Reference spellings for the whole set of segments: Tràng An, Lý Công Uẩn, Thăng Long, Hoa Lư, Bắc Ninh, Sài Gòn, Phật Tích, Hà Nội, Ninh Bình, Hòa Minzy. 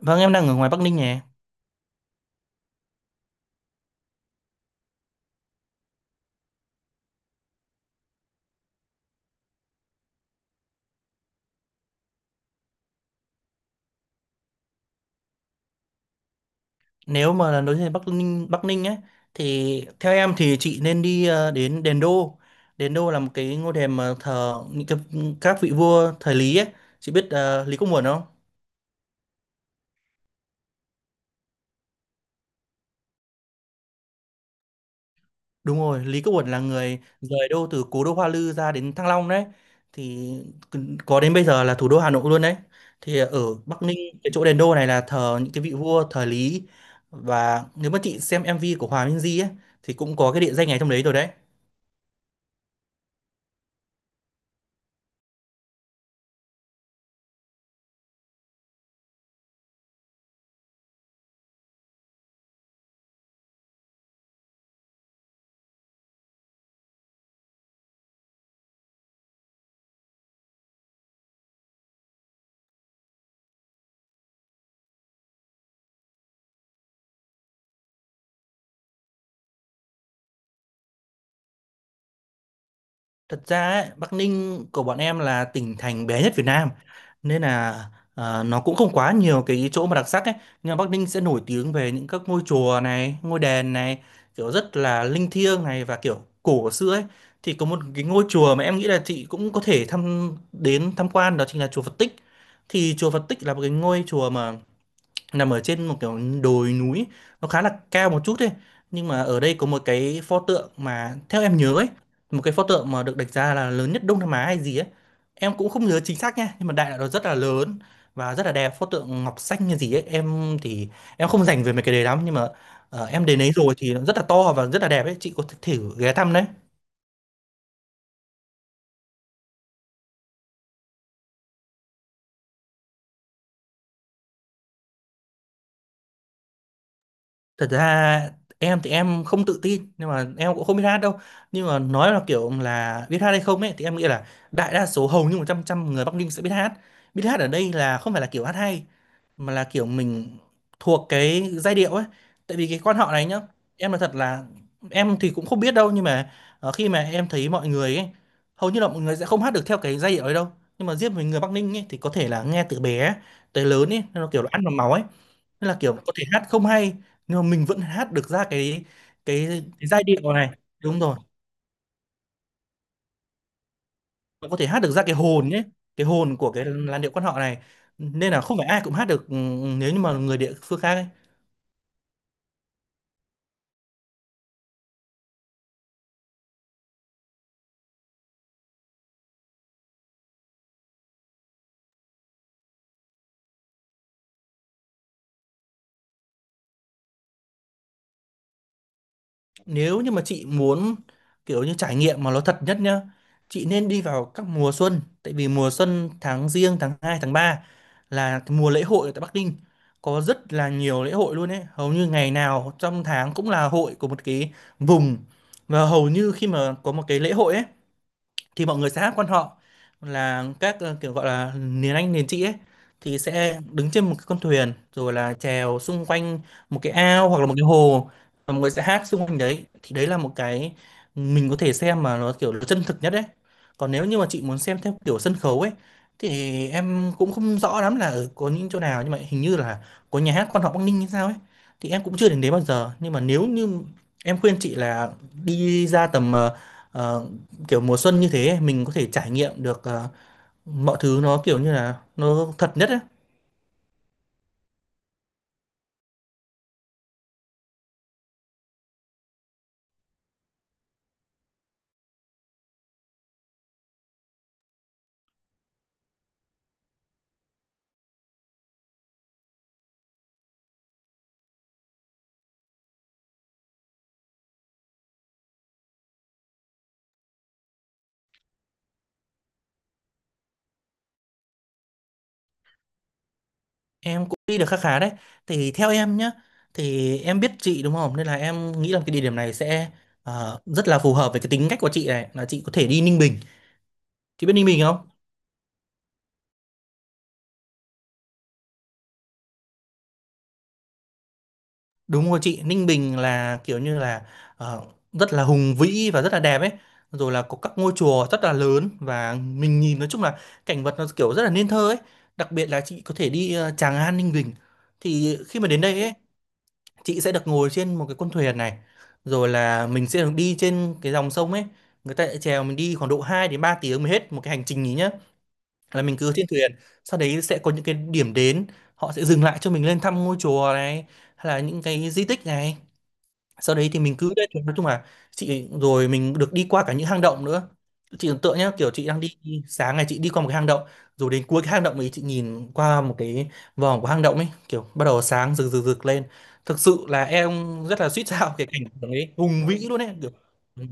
Vâng em đang ở ngoài Bắc Ninh nhỉ. Nếu mà là nói về Bắc Ninh ấy thì theo em thì chị nên đi đến Đền Đô. Đền Đô là một cái ngôi đền mà thờ những cái, các vị vua thời Lý ấy. Chị biết Lý Công Uẩn không? Đúng rồi, Lý Công Uẩn là người rời đô từ cố đô Hoa Lư ra đến Thăng Long đấy. Thì có đến bây giờ là thủ đô Hà Nội luôn đấy. Thì ở Bắc Ninh, cái chỗ Đền Đô này là thờ những cái vị vua thời Lý, và nếu mà chị xem MV của Hòa Minzy ấy thì cũng có cái địa danh này trong đấy rồi đấy. Thật ra ấy, Bắc Ninh của bọn em là tỉnh thành bé nhất Việt Nam, nên là nó cũng không quá nhiều cái chỗ mà đặc sắc ấy, nhưng mà Bắc Ninh sẽ nổi tiếng về những các ngôi chùa này, ngôi đền này, kiểu rất là linh thiêng này và kiểu cổ xưa ấy. Thì có một cái ngôi chùa mà em nghĩ là chị cũng có thể thăm đến tham quan, đó chính là chùa Phật Tích. Thì chùa Phật Tích là một cái ngôi chùa mà nằm ở trên một kiểu đồi núi, nó khá là cao một chút thôi, nhưng mà ở đây có một cái pho tượng mà theo em nhớ ấy, một cái pho tượng mà được đánh giá là lớn nhất Đông Nam Á hay gì ấy. Em cũng không nhớ chính xác nha, nhưng mà đại loại nó rất là lớn và rất là đẹp, pho tượng ngọc xanh như gì ấy. Em thì em không rành về mấy cái đấy lắm, nhưng mà em đến đấy rồi thì nó rất là to và rất là đẹp ấy, chị có thể thử ghé thăm đấy. Thật ra em thì em không tự tin, nhưng mà em cũng không biết hát đâu, nhưng mà nói là kiểu là biết hát hay không ấy thì em nghĩ là đại đa số, hầu như 100 100 người Bắc Ninh sẽ biết hát. Biết hát ở đây là không phải là kiểu hát hay, mà là kiểu mình thuộc cái giai điệu ấy. Tại vì cái quan họ này nhá, em là thật là, em thì cũng không biết đâu, nhưng mà khi mà em thấy mọi người ấy, hầu như là mọi người sẽ không hát được theo cái giai điệu ấy đâu, nhưng mà riêng với người Bắc Ninh ấy thì có thể là nghe từ bé tới lớn ấy, nó kiểu là ăn vào máu ấy. Nên là kiểu có thể hát không hay, nhưng mà mình vẫn hát được ra cái, cái giai điệu này, đúng rồi, và có thể hát được ra cái hồn nhé, cái hồn của cái làn điệu quan họ này. Nên là không phải ai cũng hát được nếu như mà người địa phương khác ấy. Nếu như mà chị muốn kiểu như trải nghiệm mà nó thật nhất nhá, chị nên đi vào các mùa xuân, tại vì mùa xuân tháng giêng, tháng hai, tháng 3 là cái mùa lễ hội ở tại Bắc Ninh, có rất là nhiều lễ hội luôn ấy, hầu như ngày nào trong tháng cũng là hội của một cái vùng. Và hầu như khi mà có một cái lễ hội ấy thì mọi người sẽ hát quan họ, là các kiểu gọi là miền Anh miền chị ấy, thì sẽ đứng trên một cái con thuyền rồi là chèo xung quanh một cái ao hoặc là một cái hồ, và mọi người sẽ hát xung quanh đấy. Thì đấy là một cái mình có thể xem mà nó kiểu nó chân thực nhất đấy. Còn nếu như mà chị muốn xem theo kiểu sân khấu ấy thì em cũng không rõ lắm là ở có những chỗ nào, nhưng mà hình như là có nhà hát quan họ Bắc Ninh hay sao ấy, thì em cũng chưa đến đấy bao giờ. Nhưng mà nếu như em khuyên chị là đi ra tầm ờ, kiểu mùa xuân như thế, mình có thể trải nghiệm được mọi thứ nó kiểu như là nó thật nhất ấy. Em cũng đi được khá khá đấy. Thì theo em nhá, thì em biết chị đúng không? Nên là em nghĩ là cái địa điểm này sẽ rất là phù hợp với cái tính cách của chị này, là chị có thể đi Ninh Bình. Chị biết Ninh Bình không? Đúng rồi chị, Ninh Bình là kiểu như là ờ, rất là hùng vĩ và rất là đẹp ấy. Rồi là có các ngôi chùa rất là lớn và mình nhìn, nói chung là cảnh vật nó kiểu rất là nên thơ ấy. Đặc biệt là chị có thể đi Tràng An Ninh Bình. Thì khi mà đến đây ấy, chị sẽ được ngồi trên một cái con thuyền này. Rồi là mình sẽ được đi trên cái dòng sông ấy. Người ta sẽ chèo mình đi khoảng độ 2 đến 3 tiếng mới hết một cái hành trình ý nhá. Là mình cứ trên thuyền, sau đấy sẽ có những cái điểm đến, họ sẽ dừng lại cho mình lên thăm ngôi chùa này hay là những cái di tích này. Sau đấy thì mình cứ đấy, nói chung là chị, rồi mình được đi qua cả những hang động nữa. Chị tưởng tượng nhá, kiểu chị đang đi, sáng ngày chị đi qua một cái hang động, rồi đến cuối cái hang động ấy chị nhìn qua một cái vòng của hang động ấy, kiểu bắt đầu sáng rực rực rực lên. Thực sự là em rất là suýt sao, cái cảnh tượng ấy hùng vĩ luôn ấy kiểu, ừ,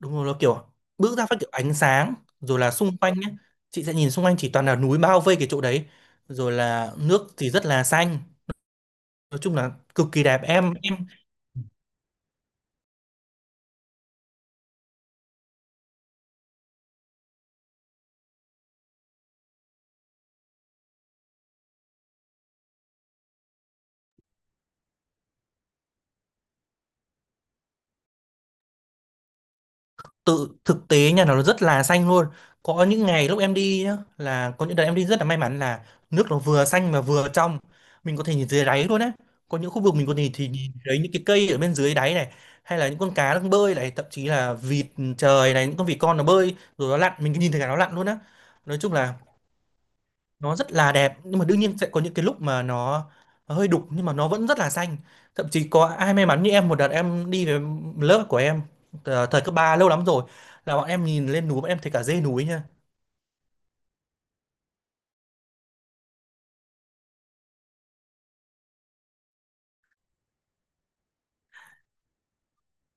đúng rồi, nó kiểu bước ra phát kiểu ánh sáng, rồi là xung quanh nhé, chị sẽ nhìn xung quanh chỉ toàn là núi bao vây cái chỗ đấy, rồi là nước thì rất là xanh, nói chung là cực kỳ đẹp em em. Tự thực tế nhà nó rất là xanh luôn. Có những ngày lúc em đi nhá, là có những đợt em đi rất là may mắn là nước nó vừa xanh mà vừa trong, mình có thể nhìn dưới đáy luôn á. Có những khu vực mình có thể thì nhìn thấy những cái cây ở bên dưới đáy này, hay là những con cá đang bơi này, thậm chí là vịt trời này, những con vịt con nó bơi rồi nó lặn, mình cứ nhìn thấy cả nó lặn luôn á. Nói chung là nó rất là đẹp, nhưng mà đương nhiên sẽ có những cái lúc mà nó hơi đục, nhưng mà nó vẫn rất là xanh. Thậm chí có ai may mắn như em, một đợt em đi về lớp của em thời cấp 3 lâu lắm rồi, là bọn em nhìn lên núi bọn em thấy cả dê núi nha.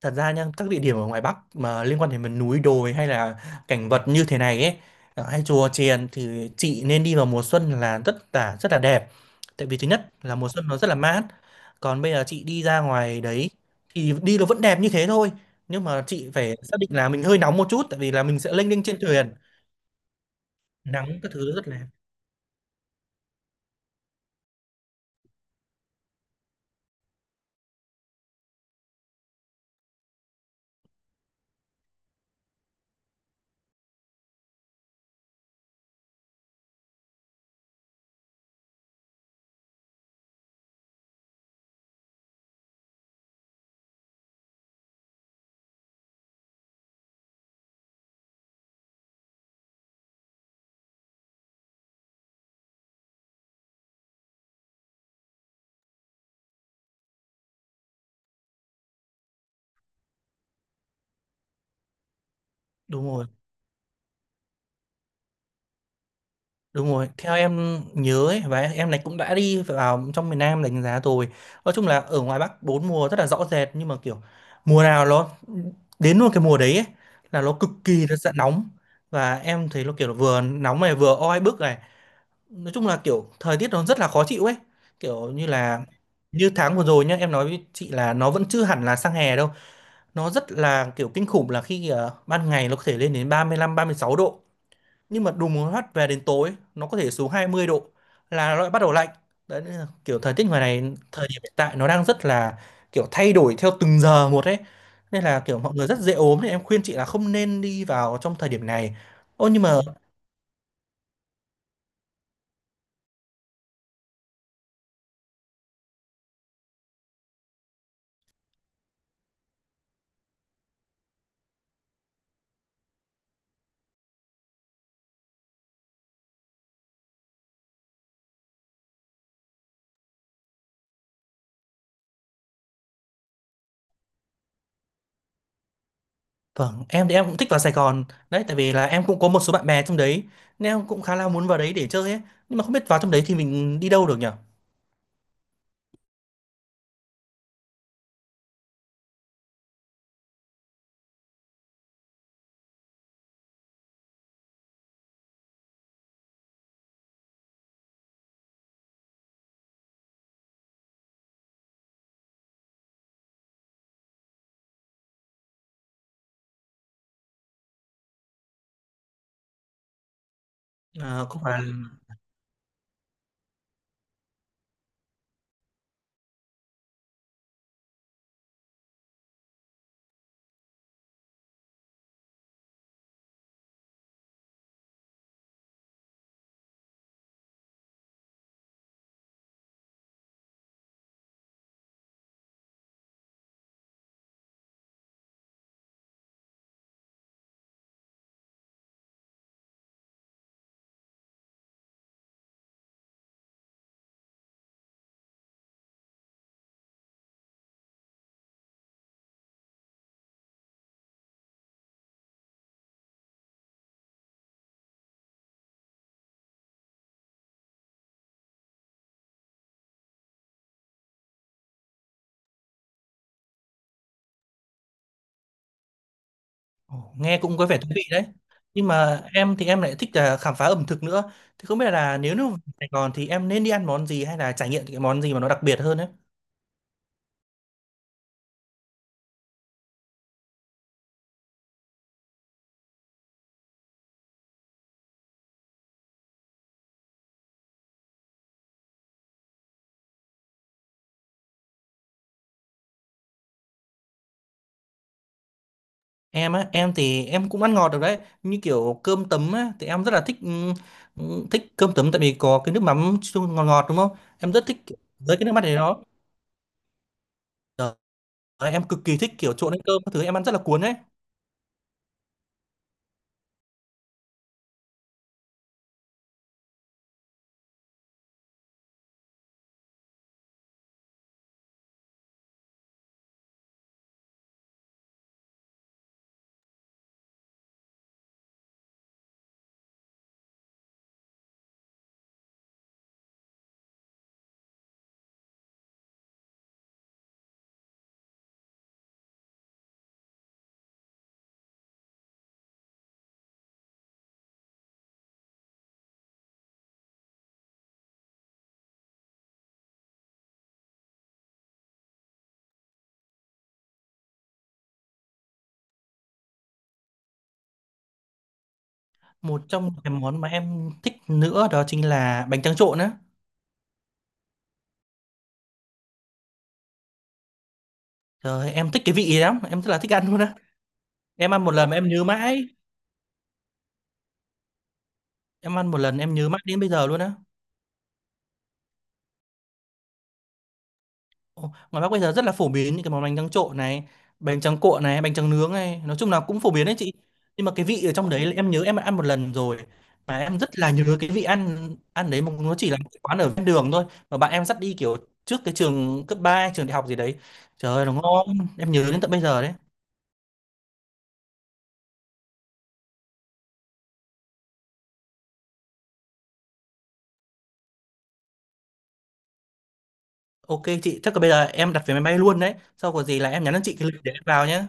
Thật ra nha, các địa điểm ở ngoài Bắc mà liên quan đến miền núi đồi hay là cảnh vật như thế này ấy, ở hay chùa chiền, thì chị nên đi vào mùa xuân là rất là rất là đẹp. Tại vì thứ nhất là mùa xuân nó rất là mát. Còn bây giờ chị đi ra ngoài đấy thì đi nó vẫn đẹp như thế thôi. Nhưng mà chị phải xác định là mình hơi nóng một chút, tại vì là mình sẽ lênh đênh trên thuyền, nắng các thứ rất là, đúng rồi. Đúng rồi, theo em nhớ ấy, và em này cũng đã đi vào trong miền Nam đánh giá rồi. Nói chung là ở ngoài Bắc bốn mùa rất là rõ rệt, nhưng mà kiểu mùa nào nó đến luôn cái mùa đấy ấy, là nó cực kỳ là sẽ nóng, và em thấy nó kiểu là vừa nóng này vừa oi bức này. Nói chung là kiểu thời tiết nó rất là khó chịu ấy. Kiểu như là như tháng vừa rồi nhá, em nói với chị là nó vẫn chưa hẳn là sang hè đâu. Nó rất là kiểu kinh khủng, là khi ban ngày nó có thể lên đến ba 35 36 độ nhưng mà đùng một phát về đến tối nó có thể xuống 20 độ, là nó lại bắt đầu lạnh. Đấy nên là kiểu thời tiết ngoài này thời điểm hiện tại nó đang rất là kiểu thay đổi theo từng giờ một ấy. Nên là kiểu mọi người rất dễ ốm, thì em khuyên chị là không nên đi vào trong thời điểm này. Ô, nhưng mà vâng, em thì em cũng thích vào Sài Gòn đấy, tại vì là em cũng có một số bạn bè trong đấy, nên em cũng khá là muốn vào đấy để chơi ấy, nhưng mà không biết vào trong đấy thì mình đi đâu được nhỉ. À, không phải là-. Ồ, nghe cũng có vẻ thú vị đấy. Nhưng mà em thì em lại thích là khám phá ẩm thực nữa. Thì không biết là nếu như Sài Gòn thì em nên đi ăn món gì, hay là trải nghiệm cái món gì mà nó đặc biệt hơn ấy. Em á, em thì em cũng ăn ngọt được đấy. Như kiểu cơm tấm á, thì em rất là thích thích cơm tấm, tại vì có cái nước mắm chung ngọt ngọt đúng không? Em rất thích kiểu- với cái nước mắm này đó. Trời ơi, em cực kỳ thích kiểu trộn lên cơm các thứ, em ăn rất là cuốn ấy. Một trong những cái món mà em thích nữa đó chính là bánh tráng trộn á. Trời ơi, em thích cái vị ấy lắm, em rất là thích ăn luôn á. Em ăn một lần mà em nhớ mãi Em ăn một lần em nhớ mãi đến bây giờ luôn á. Ồ, ngoài Bắc bây giờ rất là phổ biến những cái món bánh tráng trộn này, bánh tráng cuộn này, bánh tráng nướng này, nói chung là cũng phổ biến đấy chị. Nhưng mà cái vị ở trong đấy là em nhớ em đã ăn một lần rồi, mà em rất là nhớ cái vị ăn ăn đấy, mà nó chỉ là một cái quán ở ven đường thôi, mà bạn em dắt đi, kiểu trước cái trường cấp ba, trường đại học gì đấy. Trời ơi nó ngon, em nhớ đến tận bây giờ đấy. Ok, chị chắc là bây giờ em đặt vé máy bay luôn đấy, sau có gì là em nhắn cho chị cái lịch để em vào nhé.